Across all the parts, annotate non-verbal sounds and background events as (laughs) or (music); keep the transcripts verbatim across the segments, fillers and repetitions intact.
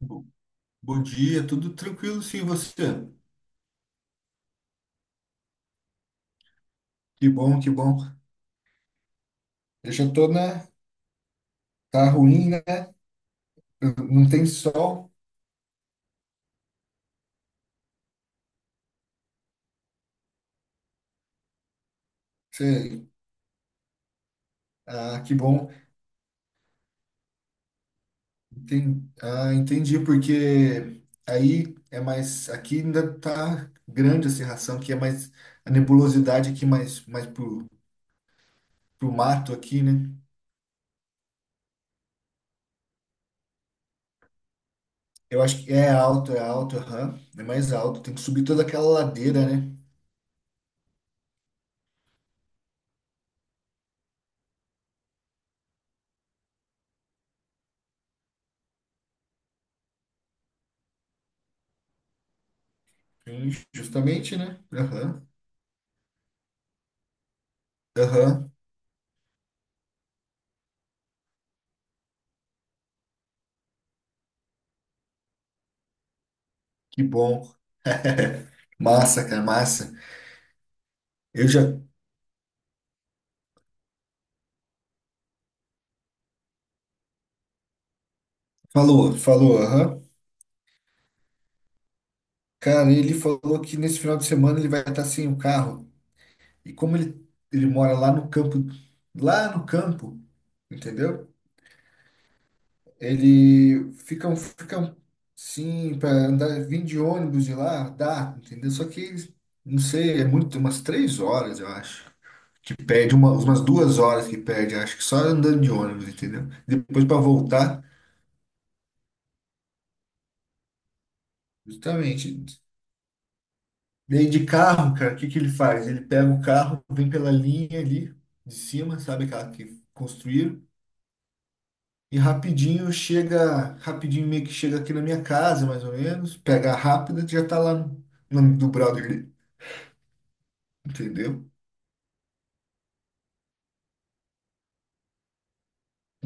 Bo- Bom dia, tudo tranquilo sim, você? Que bom, que bom. Eu já tô na. Tá ruim, né? Não tem sol. Você. Ah, que bom. Enten- Ah, entendi, porque aí é mais. Aqui ainda tá grande a cerração, que é mais. A nebulosidade aqui mais, mais pro... pro mato aqui, né? Eu acho que é alto, é alto, aham. É mais alto. Tem que subir toda aquela ladeira, né? Sim, Justamente, né? Aham, aham. Que bom. Massa, cara, massa. Eu já. Falou, falou, aham. Cara, ele falou que nesse final de semana ele vai estar sem o carro. E como ele, ele mora lá no campo, lá no campo, entendeu? Ele fica, um- fica um- sim, para andar, vir de ônibus e lá, dá, entendeu? Só que, não sei, é muito, umas três horas, eu acho. Que perde uma, umas duas horas que perde, acho que só andando de ônibus, entendeu? Depois para voltar, justamente. E aí de carro, cara, o que que ele faz? Ele pega o carro, vem pela linha ali de cima, sabe aquela que construíram, e rapidinho chega, rapidinho meio que chega aqui na minha casa, mais ou menos, pega a rápida, já tá lá no, no- do brother dele, entendeu?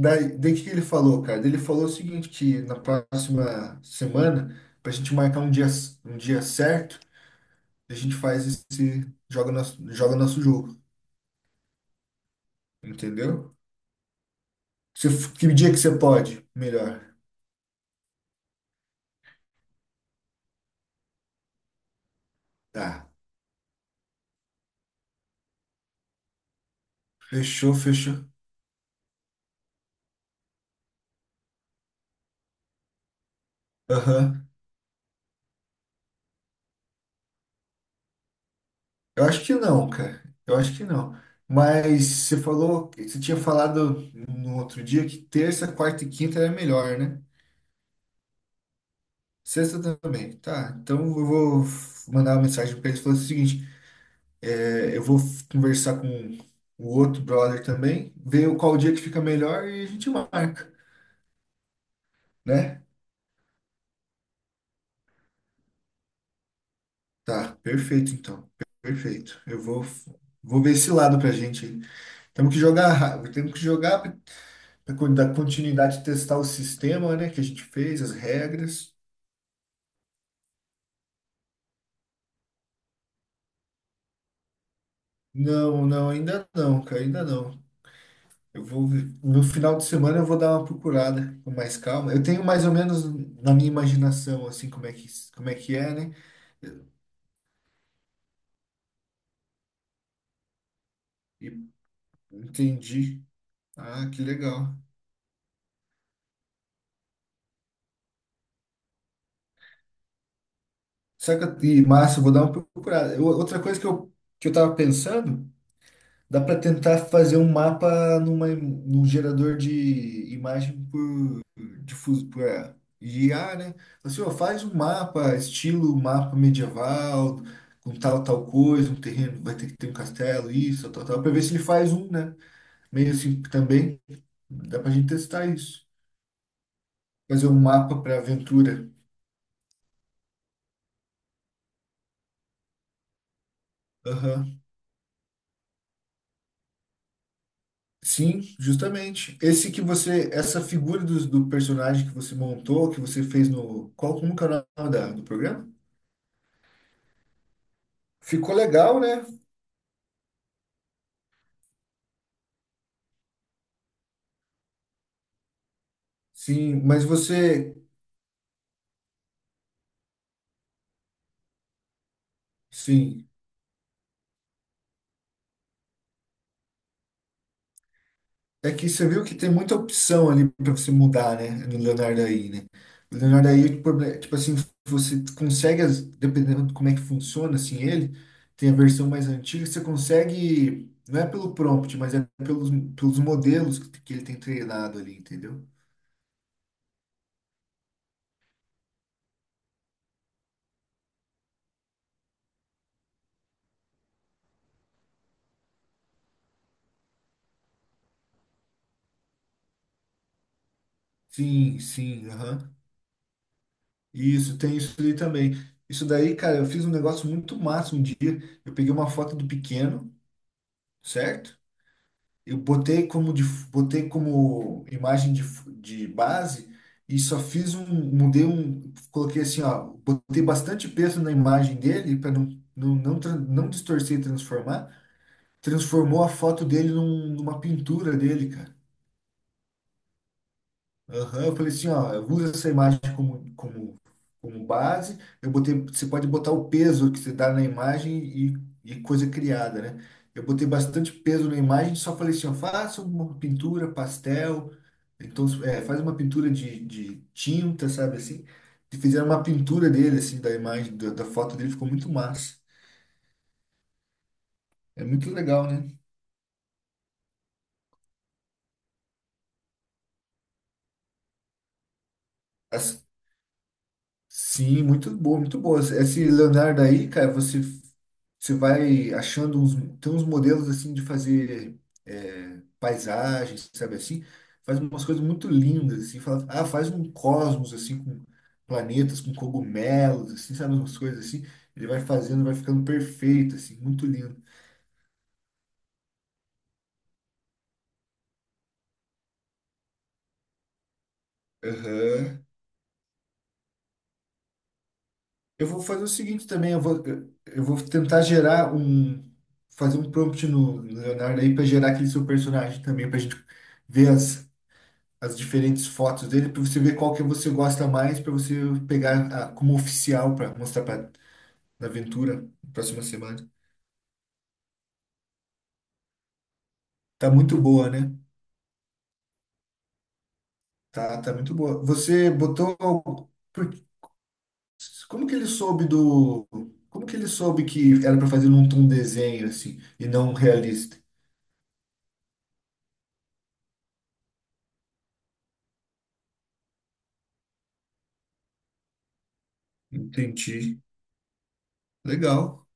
Daí, daí o que que ele falou, cara? Daí Ele falou o seguinte, que na próxima semana, pra gente marcar um dia, um dia certo, a gente faz esse, joga nosso, joga nosso jogo, entendeu? Se, que dia que você pode? Melhor. Tá. Fechou, fechou. Aham. Eu acho que não, cara. Eu acho que não. Mas você falou, você tinha falado no outro dia que terça, quarta e quinta era melhor, né? Sexta também. Tá, então eu vou mandar uma mensagem pra eles falando o seguinte: é, eu vou conversar com o outro brother também, ver qual dia que fica melhor e a gente marca, né? Tá, perfeito então. Perfeito. Eu vou, vou ver esse lado pra gente. Temos que jogar, ra- temos que jogar da con- da continuidade de testar o sistema, né, que a gente fez, as regras. Não, não, ainda não, cara, ainda não. Eu vou, ver- no final de semana eu vou dar uma procurada com mais calma. Eu tenho mais ou menos na minha imaginação, assim, como é que, como é que é, né? E entendi. Ah, que legal. Saca, e massa, eu vou dar uma procurada. Eu- outra coisa que eu, que eu tava pensando, dá para tentar fazer um mapa numa, im- num gerador de imagem difuso para guiar, né? Assim, ó, faz um mapa, estilo mapa medieval, com tal, tal coisa, um terreno, vai ter que ter um castelo, isso, tal, tal, para ver se ele faz um, né? Meio assim também, dá pra gente testar isso. Fazer um mapa para aventura. Aham. Sim, justamente. Esse que você, essa figura do, do personagem que você montou, que você fez no, qual, como que é o nome da- do programa? Ficou legal, né? Sim, mas você, sim, é que você viu que tem muita opção ali para você mudar, né? No Leonardo aí, né? O Leonardo aí, o problema- tipo assim, você consegue, as- dependendo de como é que funciona, assim, ele tem a versão mais antiga, você consegue, não é pelo prompt, mas é pelos, pelos modelos que que ele tem treinado ali, entendeu? Sim, sim, aham. Isso, tem isso ali também. Isso daí, cara, eu fiz um negócio muito massa um dia. Eu peguei uma foto do pequeno, certo? Eu botei como, de, botei como imagem de, f- de base e só fiz um, mudei um, coloquei assim, ó, botei bastante peso na imagem dele para não, não, não, tran- não distorcer e transformar. Transformou a foto dele num- numa pintura dele, cara. Aham, eu falei assim, ó, eu uso essa imagem como, como, como base. Eu botei, você pode botar o peso que você dá na imagem e, e coisa criada, né? Eu botei bastante peso na imagem, só falei assim, ó, faça uma pintura, pastel, então, é, faz uma pintura de, de tinta, sabe assim? E fizeram uma pintura dele, assim, da imagem, da, da foto dele, ficou muito massa. É muito legal, né? As- sim, muito boa, muito boa. Esse Leonardo aí, cara, você, você vai achando uns, tem uns modelos, assim, de fazer é, paisagens, sabe assim? Faz umas coisas muito lindas, assim. Fala, ah, faz um cosmos, assim, com planetas, com cogumelos, assim, sabe? Umas coisas assim. Ele vai fazendo, vai ficando perfeito, assim, muito lindo. Aham. Eu vou fazer o seguinte também, eu vou, eu vou tentar gerar um, fazer um prompt no Leonardo aí para gerar aquele seu personagem também, para gente ver as, as diferentes fotos dele, para você ver qual que você gosta mais, para você pegar a- como oficial para mostrar para na aventura na próxima semana. Tá muito boa, né? Tá, tá muito boa. Você botou, por- como que ele soube do, como que ele soube que era para fazer um, um, desenho assim e não realista? Entendi. Legal.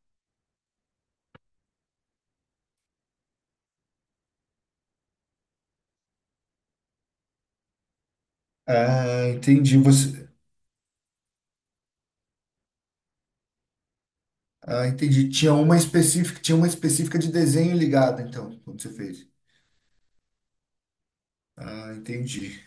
Ah, entendi. Você, ah, entendi. Tinha uma específica, tinha uma específica de desenho ligada, então, quando você fez. Ah, entendi.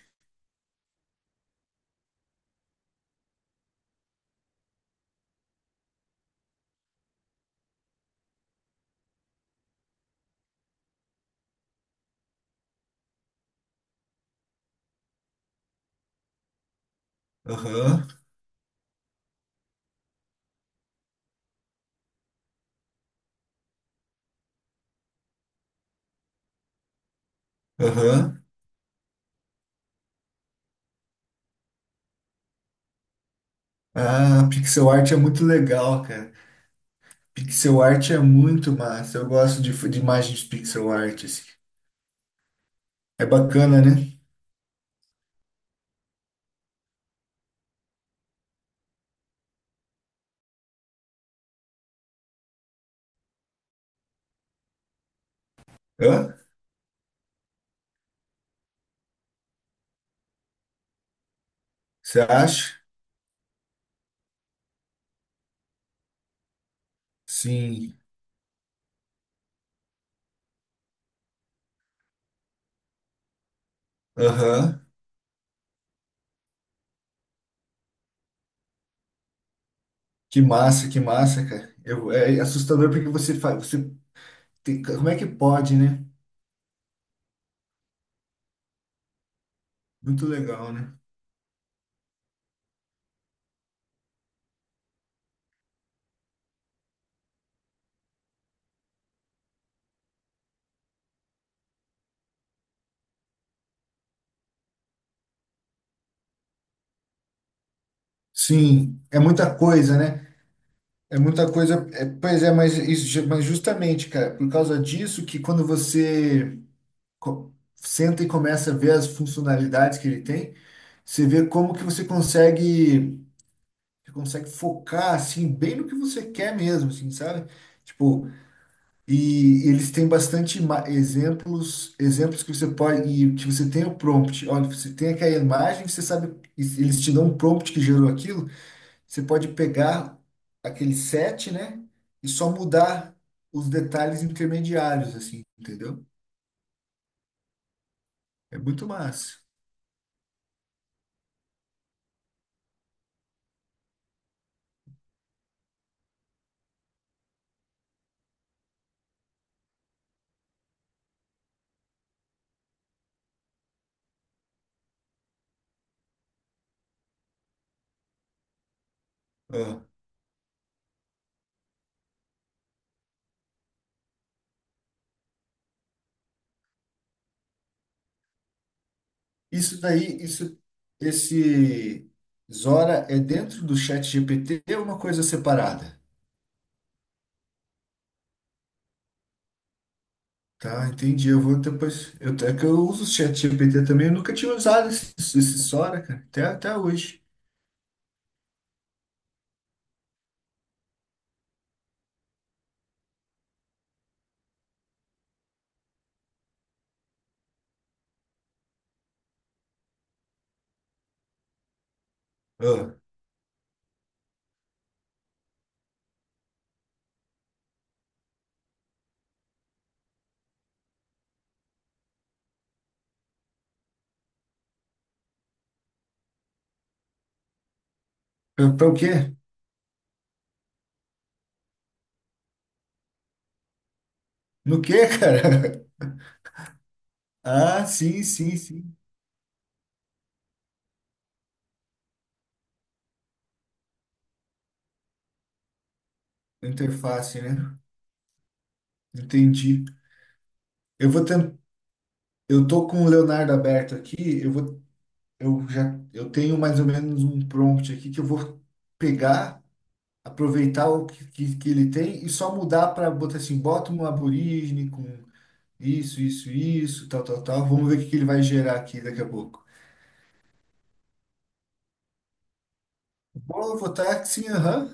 Aham, aham. Ah, pixel art é muito legal, cara. Pixel art é muito massa. Eu gosto de, de imagens pixel art, assim. É bacana, né? Hã? Você acha? Sim. Aham. Que massa, que massa, cara. Eu, é assustador porque você faz. Você tem- como é que pode, né? Muito legal, né? Sim, é muita coisa, né? É muita coisa. É- pois é, mas, isso, ju- mas justamente, cara, por causa disso que quando você co- senta e começa a ver as funcionalidades que ele tem, você vê como que você consegue, você consegue focar assim bem no que você quer mesmo, assim, sabe? Tipo, e, e eles têm bastante ima- exemplos, exemplos que você pode e que você tem o prompt. Olha, você tem aquela imagem, você sabe, e eles te dão um prompt que gerou aquilo. Você pode pegar aquele set, né? E só mudar os detalhes intermediários, assim, entendeu? É muito massa. Ah, isso daí, isso, esse Zora é dentro do chat G P T ou uma coisa separada? Tá, entendi. Eu vou depois. Eu, é que eu uso o chat G P T também. Eu nunca tinha usado esse, esse Sora, cara. Até, até hoje. Ah, pra, pra o quê? No quê, cara? (laughs) Ah, sim, sim, sim. Interface, né? Entendi. Eu vou Eu tô com o Leonardo aberto aqui. Eu vou, eu já, eu tenho mais ou menos um prompt aqui que eu vou pegar, aproveitar o que, que, que ele tem e só mudar para botar assim, bota um aborígene com isso, isso, isso, tal, tal, tal. Vamos ver o que que ele vai gerar aqui daqui a pouco. Vou votar que sim, aham.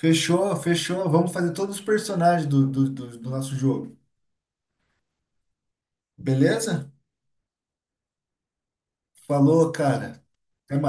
Fechou, fechou. Vamos fazer todos os personagens do, do, do do nosso jogo. Beleza? Falou, cara. Até mais.